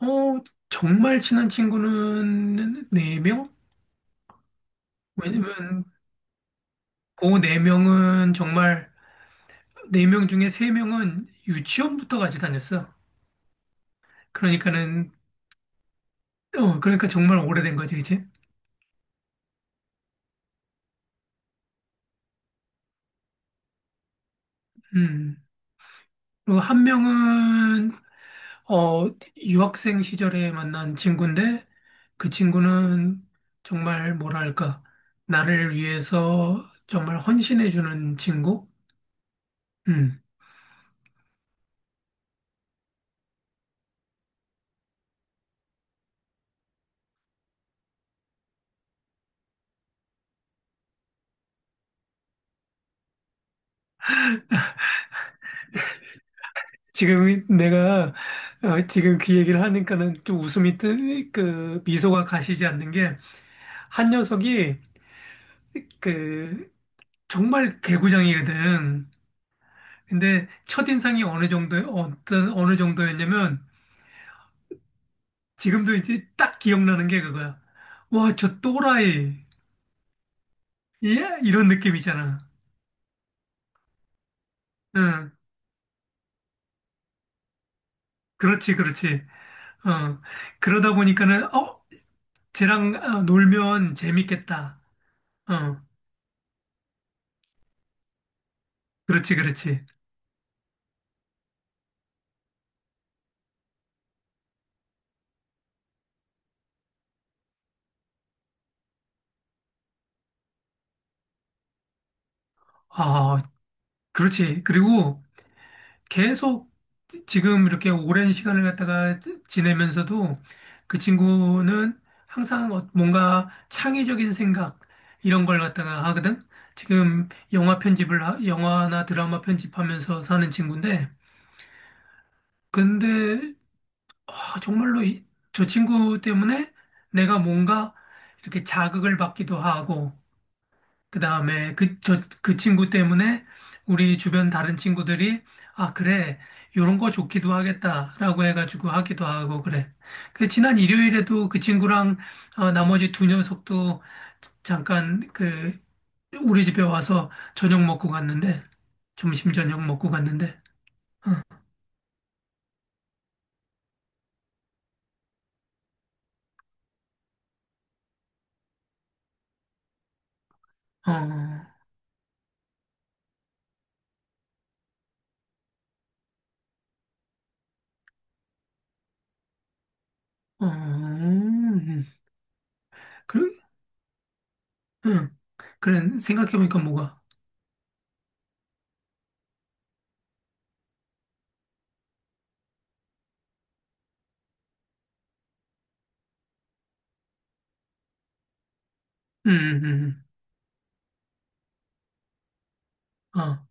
어, 정말 친한 친구는 네명. 왜냐면 그 네명은 정말 네 명 중에 세명은 유치원부터 같이 다녔어. 그러니까는 그러니까 정말 오래된 거지, 그치? 음. 그리고 한 명은 어, 유학생 시절에 만난 친구인데, 그 친구는 정말 뭐랄까, 나를 위해서 정말 헌신해 주는 친구? 음. 지금 내가 지금 그 얘기를 하니까는 좀 그 미소가 가시지 않는 게, 한 녀석이 그 정말 개구장이거든. 근데 첫인상이 어느 정도, 어떤 어느 정도였냐면, 지금도 이제 딱 기억나는 게 그거야. 와, 저 또라이. 예? 이런 느낌 있잖아. 응. 그렇지, 그렇지. 어. 그러다 보니까는 쟤랑 놀면 재밌겠다. 어. 그렇지, 그렇지. 아, 그렇지. 그리고 계속 지금 이렇게 오랜 시간을 갖다가 지내면서도 그 친구는 항상 뭔가 창의적인 생각, 이런 걸 갖다가 하거든. 지금 영화 편집을, 영화나 드라마 편집하면서 사는 친구인데. 근데 정말로 저 친구 때문에 내가 뭔가 이렇게 자극을 받기도 하고, 그 다음에 그 친구 때문에 우리 주변 다른 친구들이, 그래, 요런 거 좋기도 하겠다라고 해가지고 하기도 하고 그래. 그 지난 일요일에도 그 친구랑 나머지 두 녀석도 잠깐 그 우리 집에 와서 저녁 먹고 갔는데, 점심 저녁 먹고 갔는데. 어, 어, 그래, 응, 그래 생각해보니까 뭐가, 음, 음, 음. 음. 어,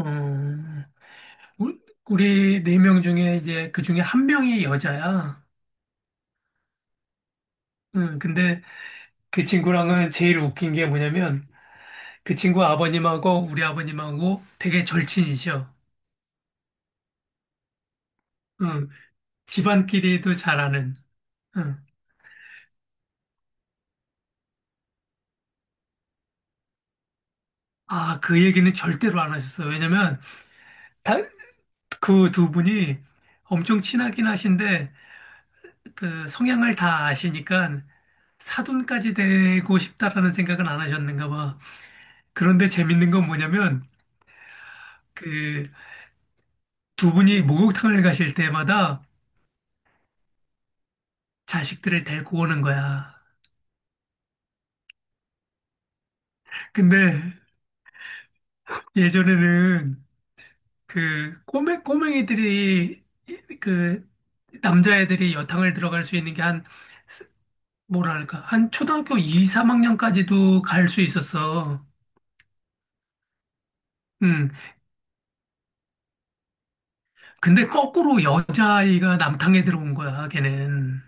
어. 우- 우리 네 명 중에 이제 그 중에 한 명이 여자야. 응, 근데 그 친구랑은 제일 웃긴 게 뭐냐면, 그 친구 아버님하고 우리 아버님하고 되게 절친이셔. 응, 집안끼리도 잘 아는. 응. 아, 그 얘기는 절대로 안 하셨어. 왜냐면 그 두 분이 엄청 친하긴 하신데, 그 성향을 다 아시니까 사돈까지 되고 싶다라는 생각은 안 하셨는가 봐. 그런데 재밌는 건 뭐냐면, 그... 두 분이 목욕탕을 가실 때마다 자식들을 데리고 오는 거야. 근데 예전에는 그 꼬맹이들이, 그 남자애들이 여탕을 들어갈 수 있는 게, 한, 뭐랄까, 한 초등학교 2, 3학년까지도 갈 수 있었어. 음. 근데 거꾸로 여자아이가 남탕에 들어온 거야, 걔는.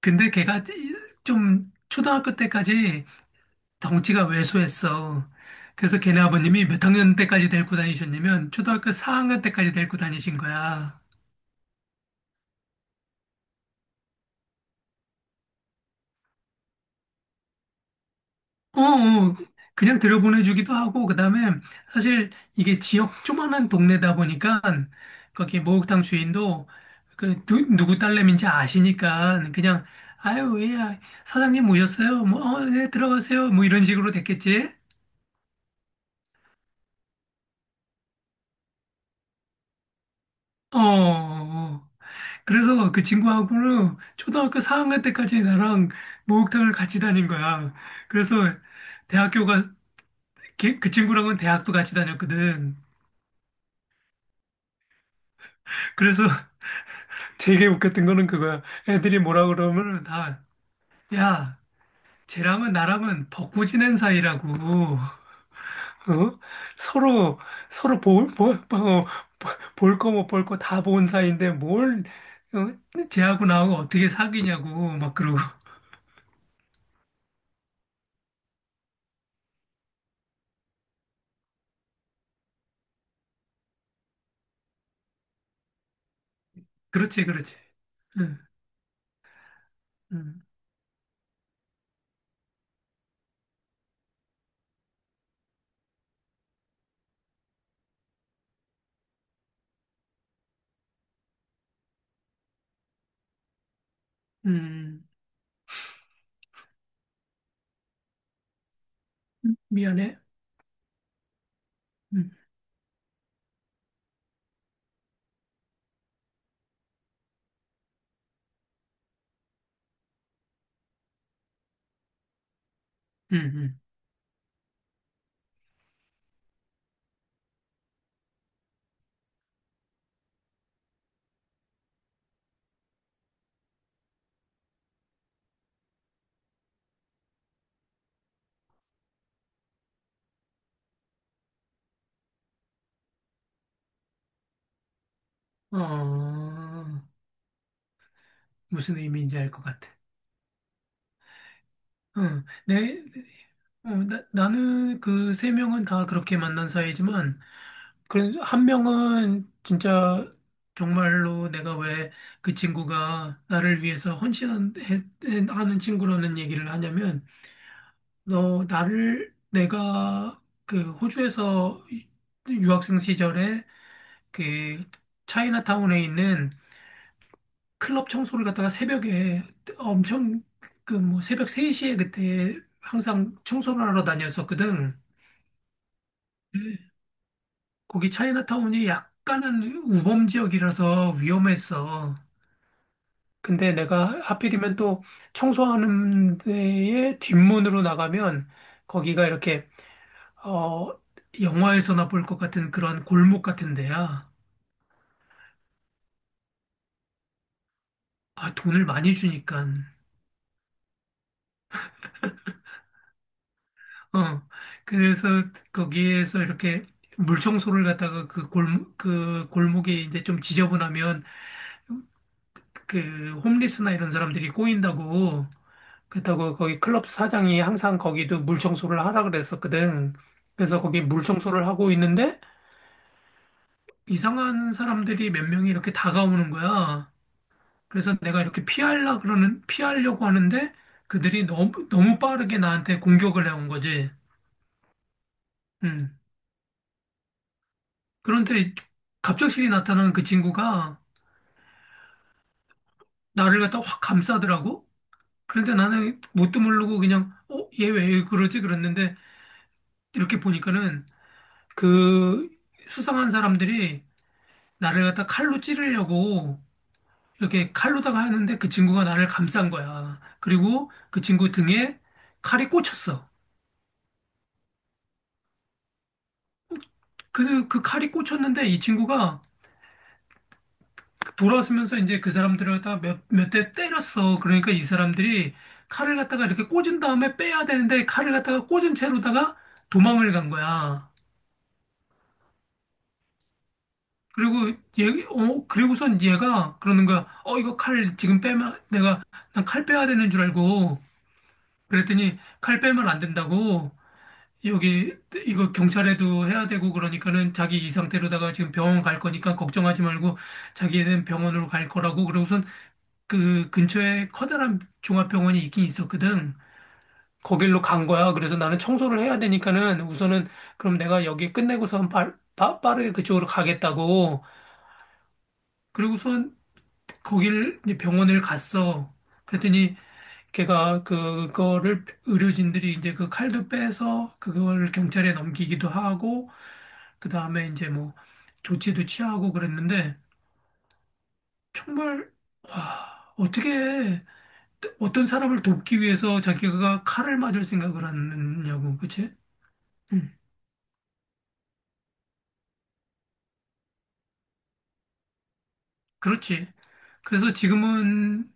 근데 걔가 좀 초등학교 때까지 덩치가 왜소했어. 그래서 걔네 아버님이 몇 학년 때까지 데리고 다니셨냐면, 초등학교 4학년 때까지 데리고 다니신 거야. 어, 어. 그냥 들여보내주기도 하고, 그다음에 사실 이게 지역 조만한 동네다 보니까, 거기 목욕탕 주인도 그 누구 딸내미인지 아시니까, 그냥, 아유, 예, 아, 사장님 오셨어요, 뭐, 어, 네, 들어가세요, 뭐, 이런 식으로 됐겠지. 어. 어. 어. 그래서 그 친구하고는 초등학교 4학년 때까지 나랑 목욕탕을 같이 다닌 거야. 그래서 대학교가, 그 친구랑은 대학도 같이 다녔거든. 그래서 되게 웃겼던 거는 그거야. 애들이 뭐라 그러면 다, 야, 쟤랑은, 나랑은 벗고 지낸 사이라고. 어? 서로, 서로 볼, 볼, 어, 어, 볼거 못 볼 거 다 본 사이인데 뭘 어, 쟤하고 나하고 어떻게 사귀냐고 막 그러고. 그렇지, 그렇지. 응, 응. 음, 미안해. 음, 음, 음. 어, 무슨 의미인지 알 것 같아. 응, 나는 그 세 명은 다 그렇게 만난 사이지만, 그래도 한 명은 진짜 정말로 내가 왜 그 친구가 나를 위해서 헌신하는 친구라는 얘기를 하냐면, 내가 그 호주에서 유학생 시절에, 그 차이나타운에 있는 클럽 청소를 갖다가, 새벽에 엄청, 그 뭐, 새벽 3시에 그때 항상 청소를 하러 다녔었거든. 거기 차이나타운이 약간은 우범 지역이라서 위험했어. 근데 내가 하필이면 또 청소하는 데에 뒷문으로 나가면 거기가 이렇게 어 영화에서나 볼 것 같은 그런 골목 같은 데야. 아, 돈을 많이 주니까. 어, 그래서 거기에서 이렇게 물청소를 갖다가, 그 골목이 이제 좀 지저분하면 그 홈리스나 이런 사람들이 꼬인다고, 그렇다고 거기 클럽 사장이 항상 거기도 물청소를 하라 그랬었거든. 그래서 거기 물청소를 하고 있는데 이상한 사람들이 몇 명이 이렇게 다가오는 거야. 그래서 내가 이렇게 피하려고 하는데 그들이 너무 너무 빠르게 나한테 공격을 해온 거지. 음. 그런데 갑작스레 나타난 그 친구가 나를 갖다 확 감싸더라고. 그런데 나는 뭣도 모르고 그냥 얘 왜 그러지 그랬는데, 이렇게 보니까는 그 수상한 사람들이 나를 갖다 칼로 찌르려고 이렇게 칼로다가 하는데, 그 친구가 나를 감싼 거야. 그리고 그 친구 등에 칼이 꽂혔어. 그 칼이 꽂혔는데 이 친구가 돌아서면서 이제 그 사람들을 갖다가 몇 대 때렸어. 그러니까 이 사람들이 칼을 갖다가 이렇게 꽂은 다음에 빼야 되는데, 칼을 갖다가 꽂은 채로다가 도망을 간 거야. 그리고 그리고선 얘가 그러는 거야. 이거 칼 지금 빼면 내가, 난 칼 빼야 되는 줄 알고 그랬더니 칼 빼면 안 된다고, 여기 이거 경찰에도 해야 되고 그러니까는, 자기 이 상태로다가 지금 병원 갈 거니까 걱정하지 말고 자기는 병원으로 갈 거라고 그러고선. 그 근처에 커다란 종합병원이 있긴 있었거든. 거길로 간 거야. 그래서 나는 청소를 해야 되니까는 우선은, 그럼 내가 여기 끝내고선 빠르게 그쪽으로 가겠다고. 그리고선 거길 이제 병원을 갔어. 그랬더니 걔가 그거를 의료진들이 이제 그 칼도 빼서 그걸 경찰에 넘기기도 하고, 그다음에 이제 뭐 조치도 취하고 그랬는데, 정말, 와, 어떻게 해. 어떤 사람을 돕기 위해서 자기가 칼을 맞을 생각을 하느냐고, 그치? 음, 그렇지. 그래서 지금은,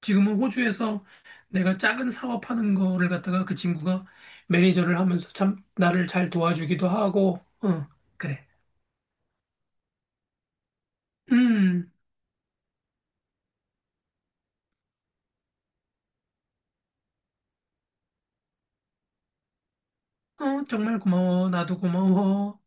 호주에서 내가 작은 사업하는 거를 갖다가 그 친구가 매니저를 하면서 참 나를 잘 도와주기도 하고. 어, 그래. 음, 정말 고마워. 나도 고마워.